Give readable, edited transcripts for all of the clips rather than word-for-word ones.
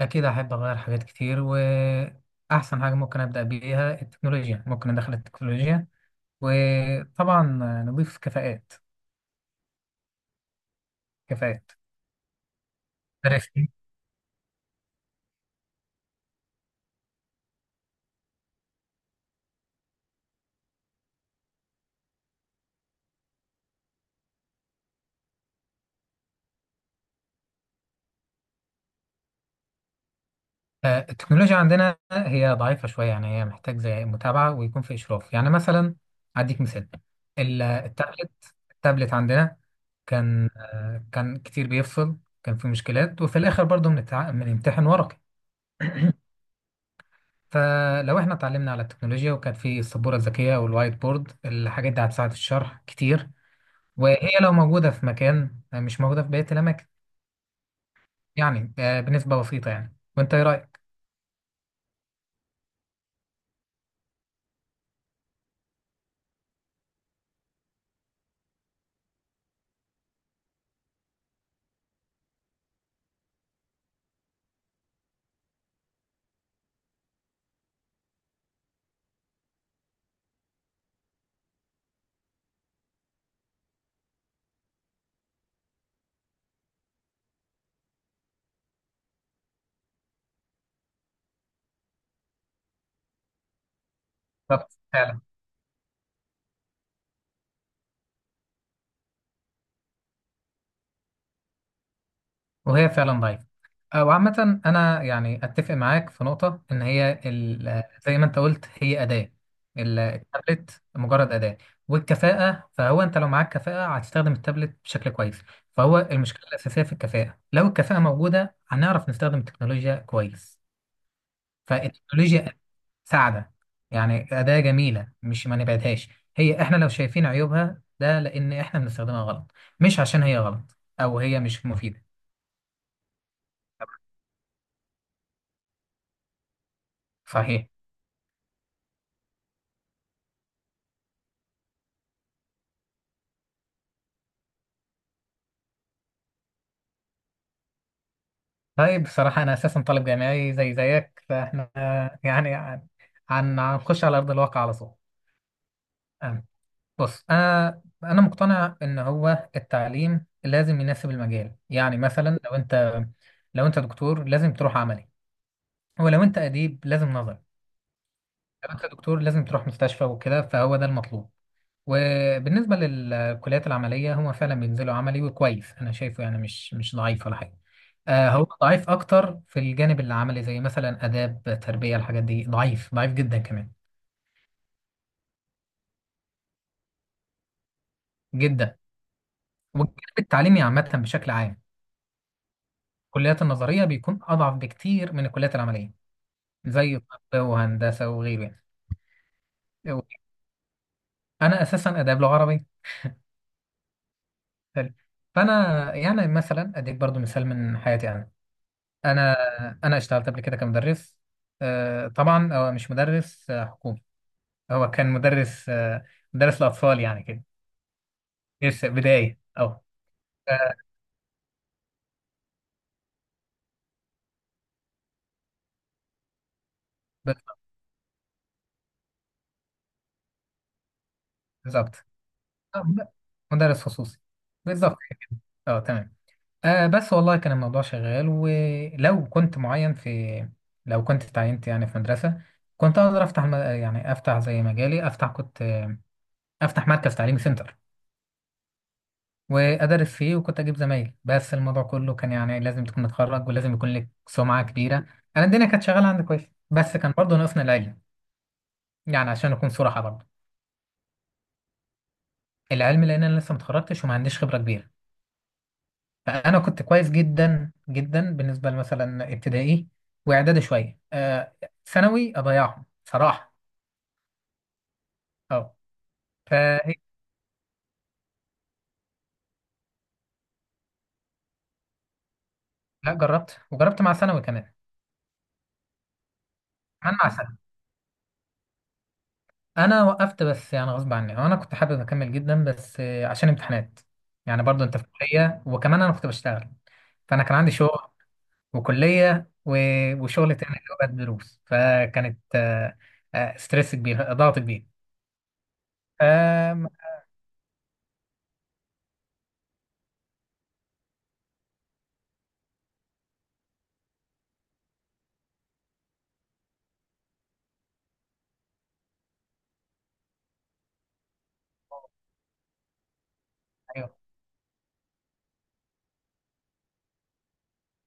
أكيد أحب أغير حاجات كتير، وأحسن حاجة ممكن أبدأ بيها التكنولوجيا. ممكن أدخل التكنولوجيا وطبعا نضيف كفاءات. كفاءات. عرفتي؟ التكنولوجيا عندنا هي ضعيفة شوية، يعني هي محتاج زي متابعة ويكون في إشراف. يعني مثلا أديك مثال: ال- التابلت التابلت عندنا كان كتير بيفصل، كان في مشكلات، وفي الآخر برضه بنمتحن ورقي. فلو احنا اتعلمنا على التكنولوجيا وكان في السبوره الذكيه والوايت بورد، الحاجات دي هتساعد في الشرح كتير. وهي لو موجوده في مكان، مش موجوده في بقيه الاماكن. يعني بنسبه بسيطه يعني. وانت ايه رايك؟ بالظبط. وهي فعلا ضعيفة. وعامة أنا يعني أتفق معاك في نقطة إن هي، زي ما أنت قلت، هي أداة. التابلت مجرد أداة. والكفاءة، فهو أنت لو معاك كفاءة هتستخدم التابلت بشكل كويس. فهو المشكلة الأساسية في الكفاءة. لو الكفاءة موجودة هنعرف نستخدم التكنولوجيا كويس. فالتكنولوجيا ساعدة، يعني أداة جميلة مش ما نبعدهاش. هي إحنا لو شايفين عيوبها ده لأن إحنا بنستخدمها غلط، مش عشان هي غلط أو هي مش مفيدة. صحيح. طيب، بصراحة أنا أساسا طالب جامعي زي زيك، فإحنا يعني هنخش على أرض الواقع على طول. أم، بص، أنا مقتنع إن هو التعليم لازم يناسب المجال. يعني مثلا لو أنت، لو أنت دكتور لازم تروح عملي. ولو أنت أديب لازم نظري. لو أنت دكتور لازم تروح مستشفى وكده، فهو ده المطلوب. وبالنسبة للكليات العملية، هما فعلا بينزلوا عملي، وكويس أنا شايفه. يعني مش ضعيف ولا حاجة. هو ضعيف أكتر في الجانب العملي، زي مثلا آداب، تربية، الحاجات دي ضعيف ضعيف جدا كمان. جدا. والجانب التعليمي عامة، بشكل عام الكليات النظرية بيكون أضعف بكتير من الكليات العملية. زي طب وهندسة وغيره. يعني أنا أساسا آداب لغة عربية. حلو. فأنا يعني مثلا أديك برضو مثال من حياتي أنا. انا انا اشتغلت قبل كده كمدرس. طبعا هو مش مدرس حكومي. هو كان مدرس، مدرس لاطفال يعني كده. لسه بدايه. اه. آه، بالظبط. آه، ب- مدرس خصوصي. بالظبط كده. اه تمام. بس والله كان الموضوع شغال. ولو كنت معين في، لو كنت اتعينت يعني في مدرسه، كنت اقدر افتح يعني افتح زي مجالي. افتح، كنت افتح مركز تعليمي، سنتر، وأدرس فيه وكنت أجيب زمايل. بس الموضوع كله كان يعني لازم تكون متخرج ولازم يكون لك سمعة كبيرة. أنا الدنيا كانت شغالة عندي كويس، بس كان برضه ناقصنا العلم. يعني عشان أكون صراحة برضه. العلم، لأن أنا لسه متخرجتش وما عنديش خبرة كبيرة. فأنا كنت كويس جدا جدا بالنسبة مثلا ابتدائي وإعدادي، شوية. ثانوي أضيعهم صراحة. أه. فهي لا، جربت، وجربت مع ثانوي كمان. كمان مع انا وقفت. بس يعني غصب عني. انا كنت حابب اكمل جدا، بس عشان امتحانات. يعني برضو انت في كليه، وكمان انا كنت بشتغل. فانا كان عندي شغل وكليه وشغل تاني اللي هو الدروس. فكانت ستريس كبير، ضغط كبير. ف ايوه.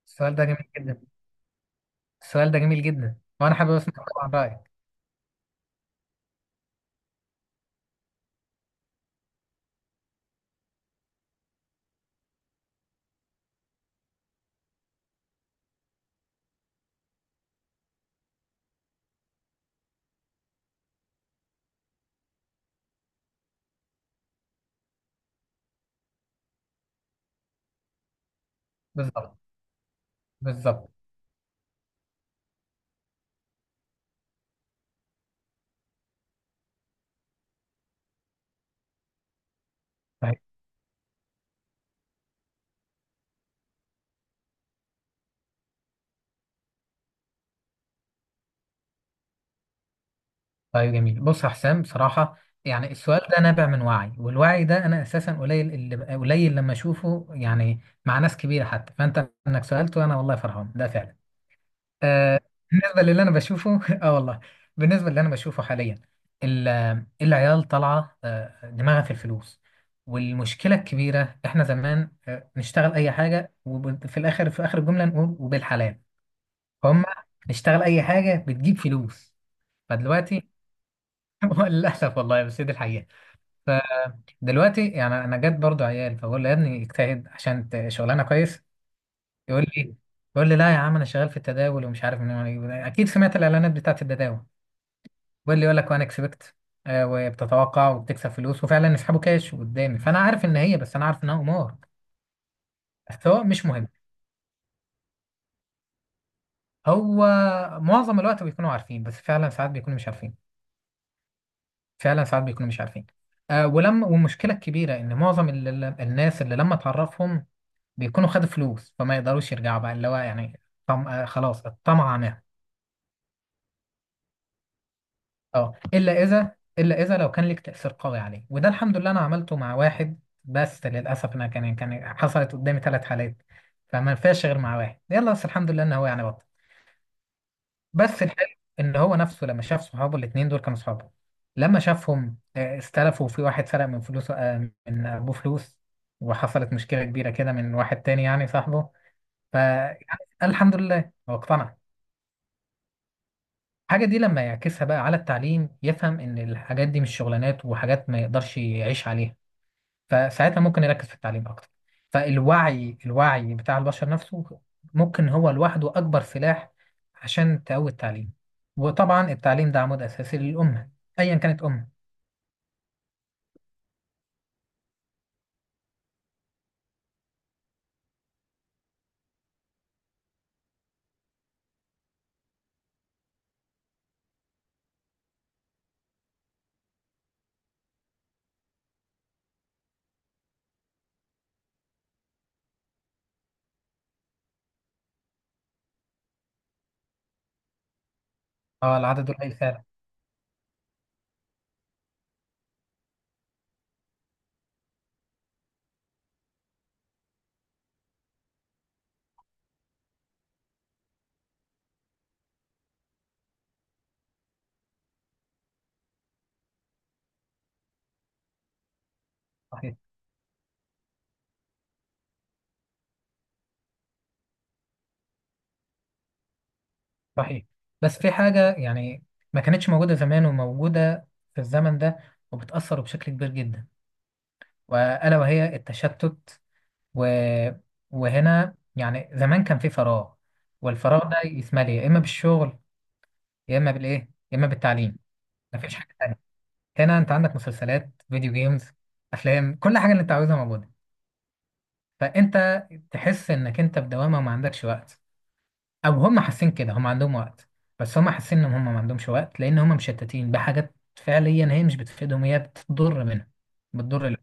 السؤال ده جميل جدا. السؤال ده جميل جدا، وانا حابب اسمع طبعا رايك. بالظبط. بالظبط. طيب جميل. بص يا حسام، بصراحة يعني السؤال ده نابع من وعي، والوعي ده أنا أساسا قليل اللي قليل لما أشوفه، يعني مع ناس كبيرة حتى. فأنت إنك سألته، أنا والله فرحان، ده فعلا. آه. بالنسبة للي أنا بشوفه آه والله. بالنسبة للي أنا بشوفه حاليا، ال- العيال طالعة دماغها في الفلوس. والمشكلة الكبيرة، إحنا زمان نشتغل أي حاجة، وفي الآخر في آخر الجملة نقول وبالحلال. هم نشتغل أي حاجة بتجيب فلوس. فدلوقتي هو للأسف والله، بس هي دي الحقيقة. فدلوقتي يعني أنا جت برضو عيال، فبقول له يا ابني اجتهد عشان شغلانة كويس. يقول لي يقول لي لا يا عم، أنا شغال في التداول ومش عارف من. أكيد سمعت الإعلانات بتاعت التداول. بيقول لي، يقول لك وأنا اكسبكت، وبتتوقع وبتكسب فلوس، وفعلا يسحبوا كاش قدامي. فأنا عارف إن هي، بس أنا عارف إنها قمار. بس هو مش مهم. هو معظم الوقت بيكونوا عارفين، بس فعلا ساعات بيكونوا مش عارفين. فعلا ساعات بيكونوا مش عارفين. ولما، والمشكله الكبيره ان معظم الناس اللي لما تعرفهم بيكونوا خدوا فلوس، فما يقدروش يرجعوا بقى، اللي هو يعني طم... آه خلاص، الطمع نام. اه، الا اذا لو كان ليك تاثير قوي عليه. وده الحمد لله، انا عملته مع واحد بس. للاسف انا كان حصلت قدامي 3 حالات، فما ينفعش غير مع واحد، يلا. بس الحمد لله ان هو يعني بطل. بس الحلو ان هو نفسه لما شاف صحابه الاثنين دول كانوا صحابه، لما شافهم استلفوا في واحد، سرق من فلوسه، من ابوه فلوس، وحصلت مشكله كبيره كده من واحد تاني يعني صاحبه. فالحمد لله هو اقتنع. الحاجة دي لما يعكسها بقى على التعليم، يفهم إن الحاجات دي مش شغلانات وحاجات ما يقدرش يعيش عليها. فساعتها ممكن يركز في التعليم أكتر. فالوعي، الوعي بتاع البشر نفسه ممكن هو لوحده أكبر سلاح عشان تقوي التعليم. وطبعا التعليم ده عمود أساسي للأمة، أيا كانت أمة. اه، العدد قليل فعلا. صحيح. صحيح. بس في حاجة يعني ما كانتش موجودة زمان وموجودة في الزمن ده، وبتأثر بشكل كبير جدا، وألا وهي التشتت. و... وهنا يعني زمان كان في فراغ، والفراغ ده يتملي يا اما بالشغل، يا اما بالايه، يا اما بالتعليم. مفيش حاجه تانية. هنا انت عندك مسلسلات، فيديو جيمز، افلام، كل حاجه اللي انت عاوزها موجوده. فانت تحس انك انت في دوامه وما عندكش وقت. او هم حاسين كده، هم عندهم وقت، بس هم حاسين ان هم ما عندهمش وقت لان هم مشتتين بحاجات فعليا هي مش بتفيدهم، هي بتضر منهم. بتضر ال-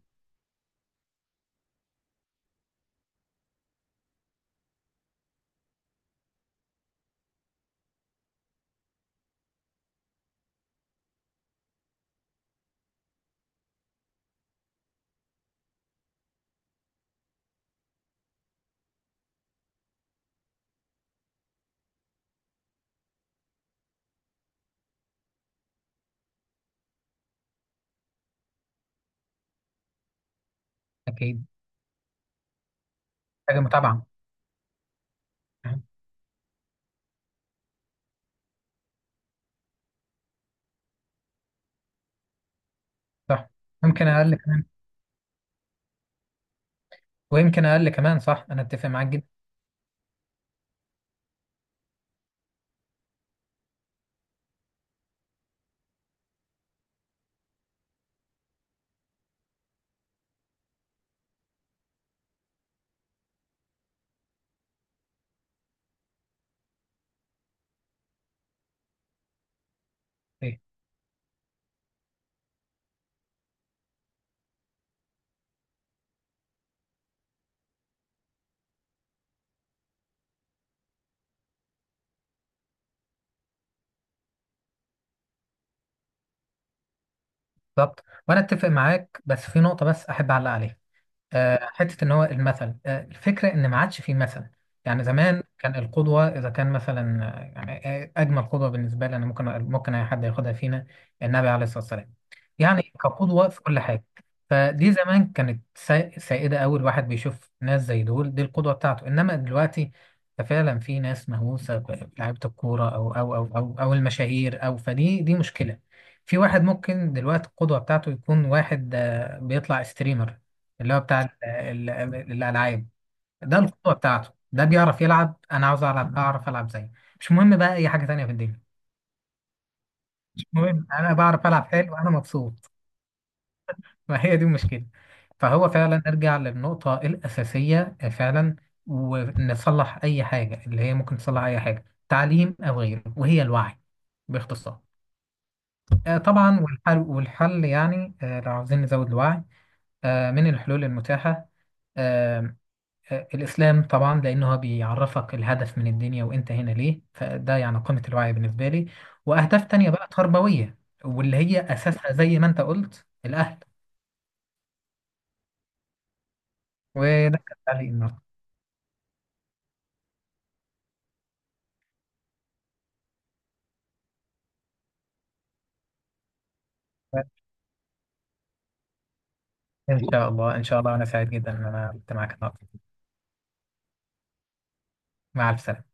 اكيد. حاجه متابعه. صح. يمكن اقل كمان. ويمكن اقل كمان، صح، انا اتفق معاك جدا. إيه، بالظبط. وانا اتفق معاك، بس في نقطه بس احب اعلق عليها. حتة إن هو المثل. الفكرة إن ما عادش فيه مثل. يعني زمان كان القدوة، إذا كان مثلا أجمل قدوة بالنسبة لي أنا، ممكن أي حد ياخدها فينا: النبي عليه الصلاة والسلام. يعني كقدوة في كل حاجة. فدي زمان كانت سائدة أوي. الواحد بيشوف ناس زي دول، دي القدوة بتاعته. إنما دلوقتي فعلا في ناس مهووسة بلعيبة الكورة أو المشاهير، أو، فدي دي مشكلة. في واحد ممكن دلوقتي القدوة بتاعته يكون واحد بيطلع ستريمر، اللي هو بتاع الالعاب. ده القوه بتاعته، ده بيعرف يلعب. انا عاوز العب، اعرف العب زيه. مش مهم بقى اي حاجه تانية في الدنيا. مش مهم، انا بعرف العب حلو وانا مبسوط. ما هي دي المشكله. فهو فعلا نرجع للنقطه الاساسيه فعلا، ونصلح اي حاجه، اللي هي ممكن تصلح اي حاجه، تعليم او غيره، وهي الوعي باختصار. طبعا. والحل يعني لو عاوزين نزود الوعي، من الحلول المتاحه آه، الإسلام طبعا، لأنه هو بيعرفك الهدف من الدنيا وأنت هنا ليه. فده يعني قمة الوعي بالنسبة لي. وأهداف تانية بقى تربوية، واللي هي أساسها زي ما أنت قلت: الأهل. وده كان تعليقي النهاردة. إن شاء الله، إن شاء الله. أنا سعيد جدا إن أنا كنت معاك النهاردة. مع ألف سلامة.